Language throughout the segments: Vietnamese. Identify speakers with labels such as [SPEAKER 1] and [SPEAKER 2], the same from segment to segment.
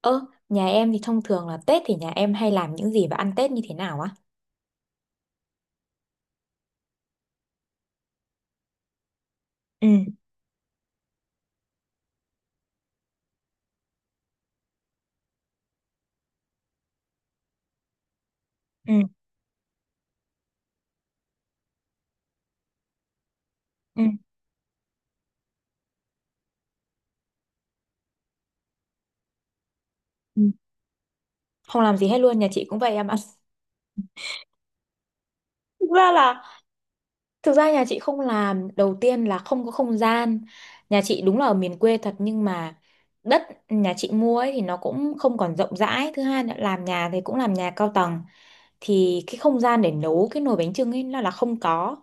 [SPEAKER 1] Ơ, nhà em thì thông thường là Tết thì nhà em hay làm những gì và ăn Tết như thế nào á? Ừ ừ, ừ, ừ. Không làm gì hết luôn, nhà chị cũng vậy em ạ. Thực ra là, thực ra nhà chị không làm, đầu tiên là không có không gian. Nhà chị đúng là ở miền quê thật nhưng mà đất nhà chị mua ấy thì nó cũng không còn rộng rãi. Thứ hai là làm nhà thì cũng làm nhà cao tầng, thì cái không gian để nấu cái nồi bánh chưng ấy là không có.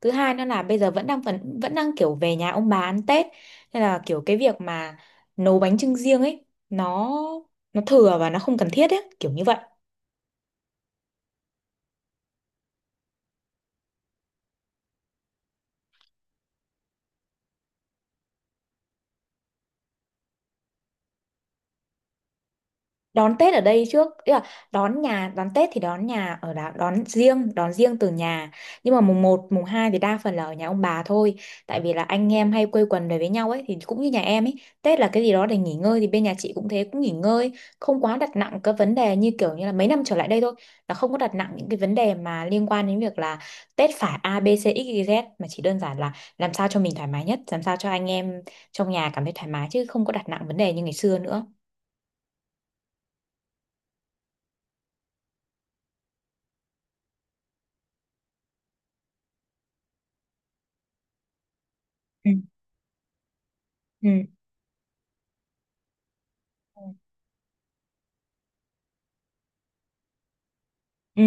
[SPEAKER 1] Thứ hai nữa là bây giờ vẫn đang kiểu về nhà ông bà ăn Tết, nên là kiểu cái việc mà nấu bánh chưng riêng ấy nó thừa và nó không cần thiết ấy, kiểu như vậy. Đón Tết ở đây trước tức là đón nhà, đón Tết thì đón nhà ở đó, đón riêng, đón riêng từ nhà, nhưng mà mùng một mùng 2 thì đa phần là ở nhà ông bà thôi, tại vì là anh em hay quây quần về với nhau ấy, thì cũng như nhà em ấy, Tết là cái gì đó để nghỉ ngơi, thì bên nhà chị cũng thế, cũng nghỉ ngơi, không quá đặt nặng các vấn đề như kiểu như là mấy năm trở lại đây thôi, là không có đặt nặng những cái vấn đề mà liên quan đến việc là Tết phải A B C X Y Z, mà chỉ đơn giản là làm sao cho mình thoải mái nhất, làm sao cho anh em trong nhà cảm thấy thoải mái, chứ không có đặt nặng vấn đề như ngày xưa nữa. Ừ. Ừ. Ừ,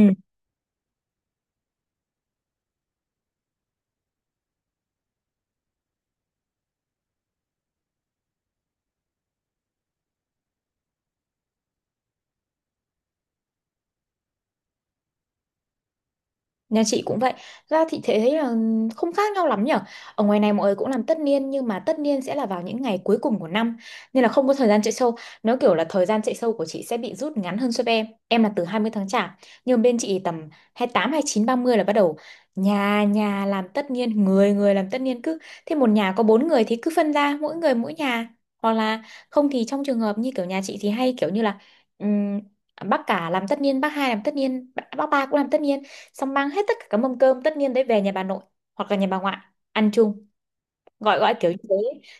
[SPEAKER 1] nhà chị cũng vậy. Ra thì thế thấy là không khác nhau lắm nhở. Ở ngoài này mọi người cũng làm tất niên, nhưng mà tất niên sẽ là vào những ngày cuối cùng của năm, nên là không có thời gian chạy sâu. Nó kiểu là thời gian chạy sâu của chị sẽ bị rút ngắn hơn so với em. Em là từ 20 tháng chạp, nhưng bên chị tầm hai hai tám, hai mươi chín, ba mươi là bắt đầu nhà nhà làm tất niên, người người làm tất niên, cứ thế một nhà có bốn người thì cứ phân ra mỗi người mỗi nhà, hoặc là không thì trong trường hợp như kiểu nhà chị thì hay kiểu như là ừm, bác cả làm tất niên, bác hai làm tất niên, bác ba cũng làm tất niên, xong mang hết tất cả các mâm cơm tất niên đấy về nhà bà nội hoặc là nhà bà ngoại ăn chung, gọi gọi kiểu như thế,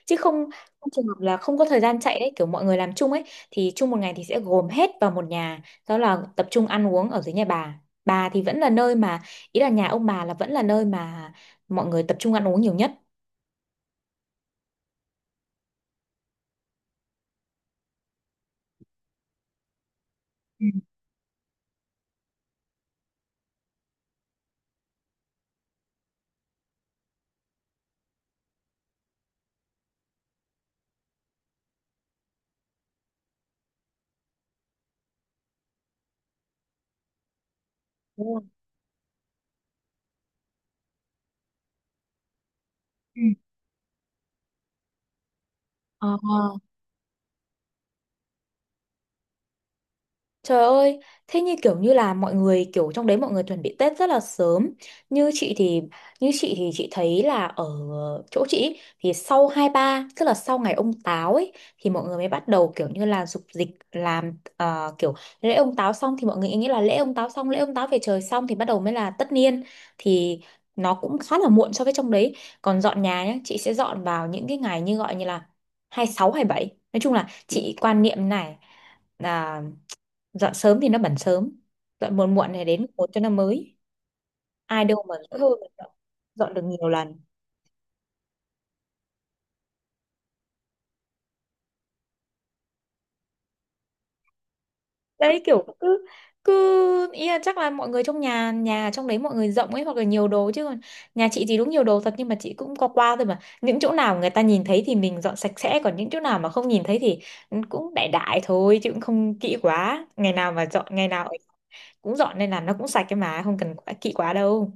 [SPEAKER 1] chứ không, không trường hợp là không có thời gian chạy đấy, kiểu mọi người làm chung ấy, thì chung một ngày thì sẽ gồm hết vào một nhà, đó là tập trung ăn uống ở dưới nhà bà. Bà thì vẫn là nơi mà, ý là nhà ông bà là vẫn là nơi mà mọi người tập trung ăn uống nhiều nhất. Ừ, đúng rồi. Ừ. Ờ. Trời ơi, thế như kiểu như là mọi người kiểu trong đấy mọi người chuẩn bị Tết rất là sớm. Như chị thì Như chị thì chị thấy là ở chỗ chị ý, thì sau hai ba, tức là sau ngày ông Táo ấy, thì mọi người mới bắt đầu kiểu như là dục dịch làm kiểu lễ ông Táo xong thì mọi người nghĩ là lễ ông Táo xong, lễ ông Táo về trời xong thì bắt đầu mới là tất niên, thì nó cũng khá là muộn so với trong đấy. Còn dọn nhà nhá, chị sẽ dọn vào những cái ngày như gọi như là 26, bảy. Nói chung là chị quan niệm này, dọn sớm thì nó bẩn sớm, dọn muộn muộn này đến một cho nó mới, ai đâu mà dỗi hơi mà dọn, dọn được nhiều lần. Đấy kiểu cứ cứ ý là chắc là mọi người trong nhà nhà trong đấy mọi người rộng ấy hoặc là nhiều đồ, chứ còn nhà chị thì đúng nhiều đồ thật, nhưng mà chị cũng qua qua thôi, mà những chỗ nào người ta nhìn thấy thì mình dọn sạch sẽ, còn những chỗ nào mà không nhìn thấy thì cũng đại đại thôi chứ cũng không kỹ quá, ngày nào mà dọn, ngày nào cũng dọn, nên là nó cũng sạch, cái mà không cần quá kỹ quá đâu.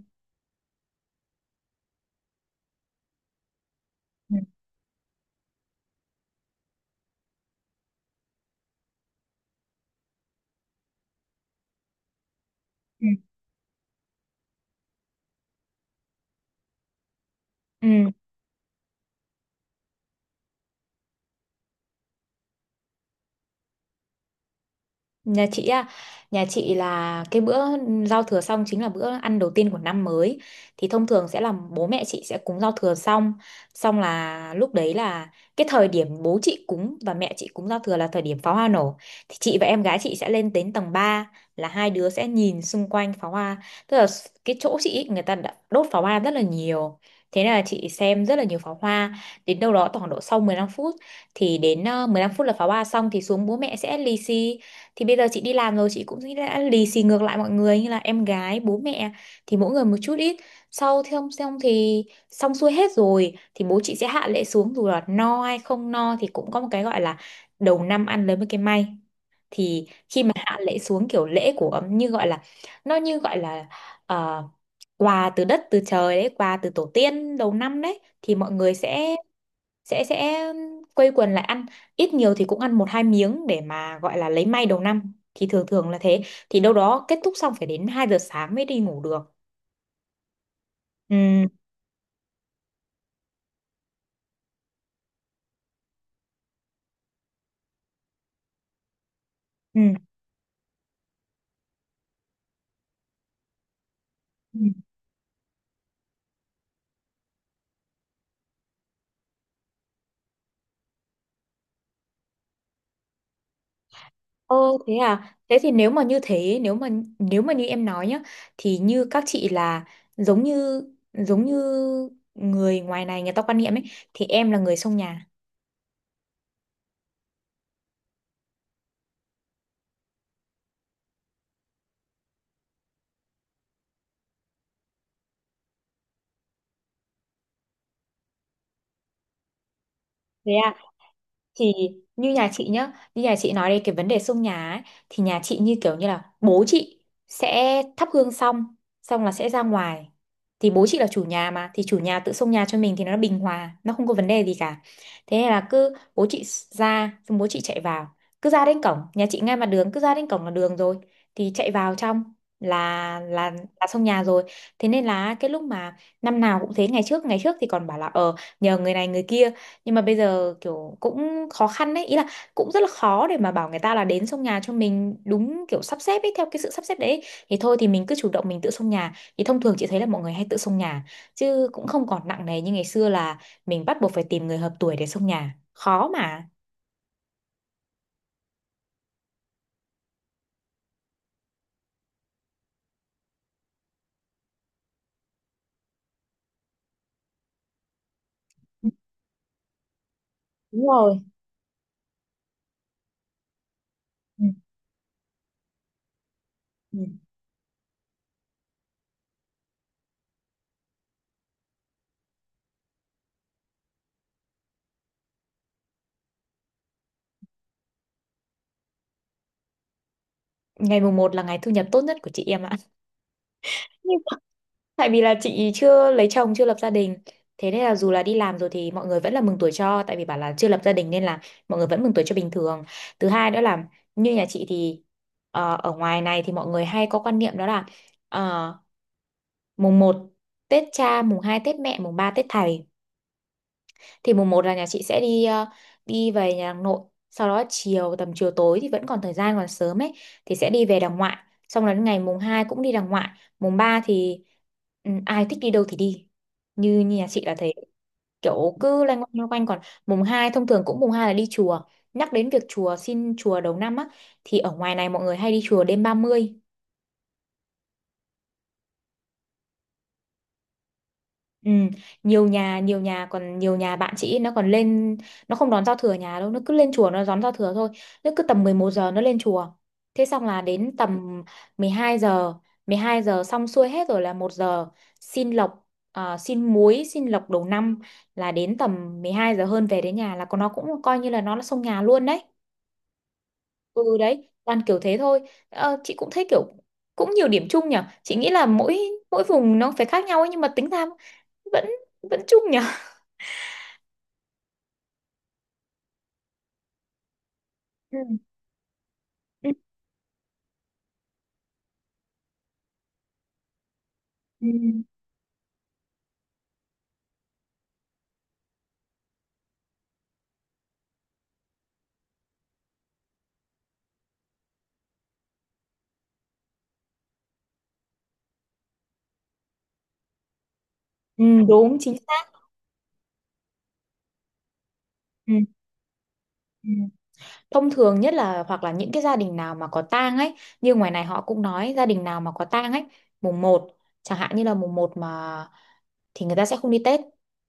[SPEAKER 1] Ừ. Ừ. Nhà chị á, nhà chị là cái bữa giao thừa xong chính là bữa ăn đầu tiên của năm mới. Thì thông thường sẽ là bố mẹ chị sẽ cúng giao thừa xong, xong là lúc đấy là cái thời điểm bố chị cúng và mẹ chị cúng giao thừa là thời điểm pháo hoa nổ. Thì chị và em gái chị sẽ lên đến tầng ba, là hai đứa sẽ nhìn xung quanh pháo hoa. Tức là cái chỗ chị ý, người ta đã đốt pháo hoa rất là nhiều. Thế nên là chị xem rất là nhiều pháo hoa. Đến đâu đó khoảng độ sau 15 phút, thì đến 15 phút là pháo hoa xong, thì xuống bố mẹ sẽ lì xì. Thì bây giờ chị đi làm rồi, chị cũng đã lì xì ngược lại mọi người như là em gái, bố mẹ, thì mỗi người một chút ít. Sau thì không, xong thì xong xuôi hết rồi thì bố chị sẽ hạ lễ xuống, dù là no hay không no thì cũng có một cái gọi là đầu năm ăn lấy một cái may. Thì khi mà hạ lễ xuống kiểu lễ của như gọi là, nó như gọi là, ờ, quà từ đất từ trời đấy, quà từ tổ tiên đầu năm đấy, thì mọi người sẽ sẽ quây quần lại ăn, ít nhiều thì cũng ăn một hai miếng để mà gọi là lấy may đầu năm, thì thường thường là thế. Thì đâu đó kết thúc xong phải đến 2 giờ sáng mới đi ngủ được. Ừ. Ừ. Ừ. Ô thế à, thế thì nếu mà như thế, nếu mà như em nói nhá, thì như các chị là giống như, giống như người ngoài này người ta quan niệm ấy, thì em là người xông nhà. Thế à? Thì như nhà chị nhá, như nhà chị nói đây cái vấn đề xông nhà ấy, thì nhà chị như kiểu như là bố chị sẽ thắp hương xong, xong là sẽ ra ngoài, thì bố chị là chủ nhà mà, thì chủ nhà tự xông nhà cho mình thì nó bình hòa, nó không có vấn đề gì cả. Thế nên là cứ bố chị ra, xong bố chị chạy vào, cứ ra đến cổng, nhà chị ngay mặt đường, cứ ra đến cổng là đường rồi, thì chạy vào trong là xông nhà rồi. Thế nên là cái lúc mà năm nào cũng thế, ngày trước, thì còn bảo là ờ nhờ người này người kia, nhưng mà bây giờ kiểu cũng khó khăn đấy, ý là cũng rất là khó để mà bảo người ta là đến xông nhà cho mình đúng kiểu sắp xếp ấy, theo cái sự sắp xếp đấy, thì thôi thì mình cứ chủ động mình tự xông nhà, thì thông thường chị thấy là mọi người hay tự xông nhà, chứ cũng không còn nặng nề như ngày xưa là mình bắt buộc phải tìm người hợp tuổi để xông nhà, khó mà. Đúng rồi. Ừ. Ừ. Ngày mùng một là ngày thu nhập tốt nhất của chị em ạ. Tại vì là chị chưa lấy chồng, chưa lập gia đình. Thế nên là dù là đi làm rồi thì mọi người vẫn là mừng tuổi cho. Tại vì bảo là chưa lập gia đình nên là mọi người vẫn mừng tuổi cho bình thường. Thứ hai nữa là như nhà chị thì, ờ, ở ngoài này thì mọi người hay có quan niệm đó là, ờ, mùng một Tết cha, mùng 2 Tết mẹ, mùng 3 Tết thầy. Thì mùng một là nhà chị sẽ đi đi về nhà hàng nội, sau đó chiều tầm chiều tối thì vẫn còn thời gian còn sớm ấy thì sẽ đi về đàng ngoại, xong đến ngày mùng 2 cũng đi đàng ngoại, mùng 3 thì, ừ, ai thích đi đâu thì đi. Như nhà chị là thế, kiểu cứ loanh quanh loanh quanh. Còn mùng 2 thông thường cũng, mùng 2 là đi chùa. Nhắc đến việc chùa, xin chùa đầu năm á, thì ở ngoài này mọi người hay đi chùa đêm ba mươi. Ừ, nhiều nhà, còn nhiều nhà bạn chị ấy, nó còn lên, nó không đón giao thừa nhà đâu, nó cứ lên chùa nó đón giao thừa thôi. Nó cứ tầm 11 giờ nó lên chùa, thế xong là đến tầm 12 giờ, xong xuôi hết rồi là một giờ, xin lộc, à, xin muối xin lộc đầu năm, là đến tầm 12 giờ hơn về đến nhà, là còn nó cũng coi như là nó là xông nhà luôn đấy. Ừ đấy, toàn kiểu thế thôi. Ờ, chị cũng thấy kiểu cũng nhiều điểm chung nhỉ. Chị nghĩ là mỗi mỗi vùng nó phải khác nhau ấy, nhưng mà tính ra vẫn vẫn chung nhỉ. Ừ. Ừ. Ừ. Ừ, đúng chính xác. Ừ. Ừ. Thông thường nhất là hoặc là những cái gia đình nào mà có tang ấy, như ngoài này họ cũng nói gia đình nào mà có tang ấy, mùng một, chẳng hạn như là mùng một mà, thì người ta sẽ không đi Tết,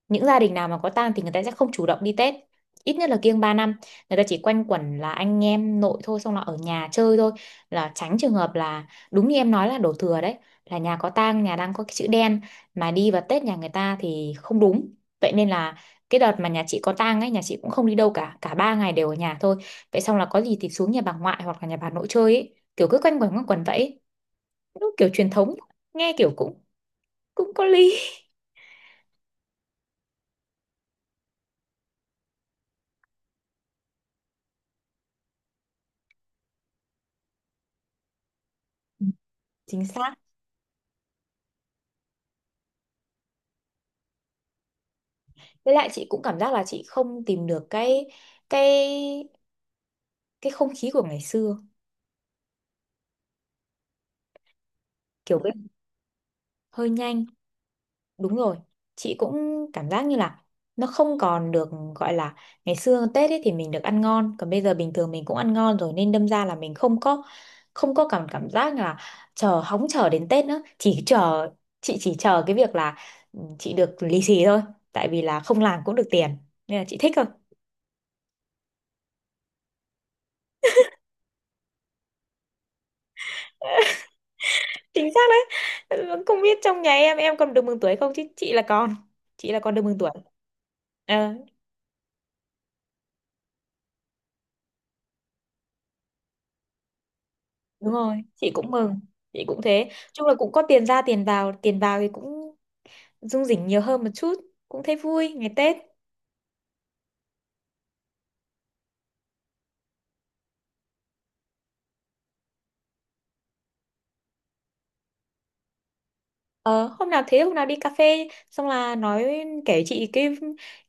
[SPEAKER 1] những gia đình nào mà có tang thì người ta sẽ không chủ động đi Tết, ít nhất là kiêng 3 năm. Người ta chỉ quanh quẩn là anh em nội thôi, xong là ở nhà chơi thôi, là tránh trường hợp là đúng như em nói là đổ thừa đấy, là nhà có tang, nhà đang có cái chữ đen mà đi vào Tết nhà người ta thì không đúng. Vậy nên là cái đợt mà nhà chị có tang ấy, nhà chị cũng không đi đâu cả, cả ba ngày đều ở nhà thôi. Vậy xong là có gì thì xuống nhà bà ngoại hoặc là nhà bà nội chơi ấy, kiểu cứ quanh quẩn vậy ấy. Nó kiểu truyền thống, nghe kiểu cũng cũng có lý. Ừ, chính xác. Với lại chị cũng cảm giác là chị không tìm được cái cái cái không khí của ngày xưa. Kiểu cái hơi nhanh. Đúng rồi, chị cũng cảm giác như là nó không còn được gọi là ngày xưa. Tết ấy thì mình được ăn ngon, còn bây giờ bình thường mình cũng ăn ngon rồi, nên đâm ra là mình không có, không có cảm cảm giác là chờ, hóng chờ đến Tết nữa, chỉ chờ, chị chỉ chờ cái việc là, ừ, chị được lì xì thôi, tại vì là không làm cũng được tiền, nên là chị thích thôi. Chính xác đấy. Ừ, không biết trong nhà em còn được mừng tuổi không, chứ chị là con, chị là con được mừng tuổi. Ờ, đúng rồi, chị cũng mừng, chị cũng thế. Chung là cũng có tiền ra tiền vào, tiền vào thì cũng rung rỉnh nhiều hơn một chút, cũng thấy vui ngày Tết. Ờ, hôm nào, thế hôm nào đi cà phê xong là nói, kể chị cái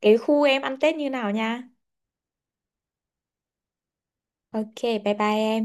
[SPEAKER 1] khu em ăn Tết như nào nha. Ok bye bye em.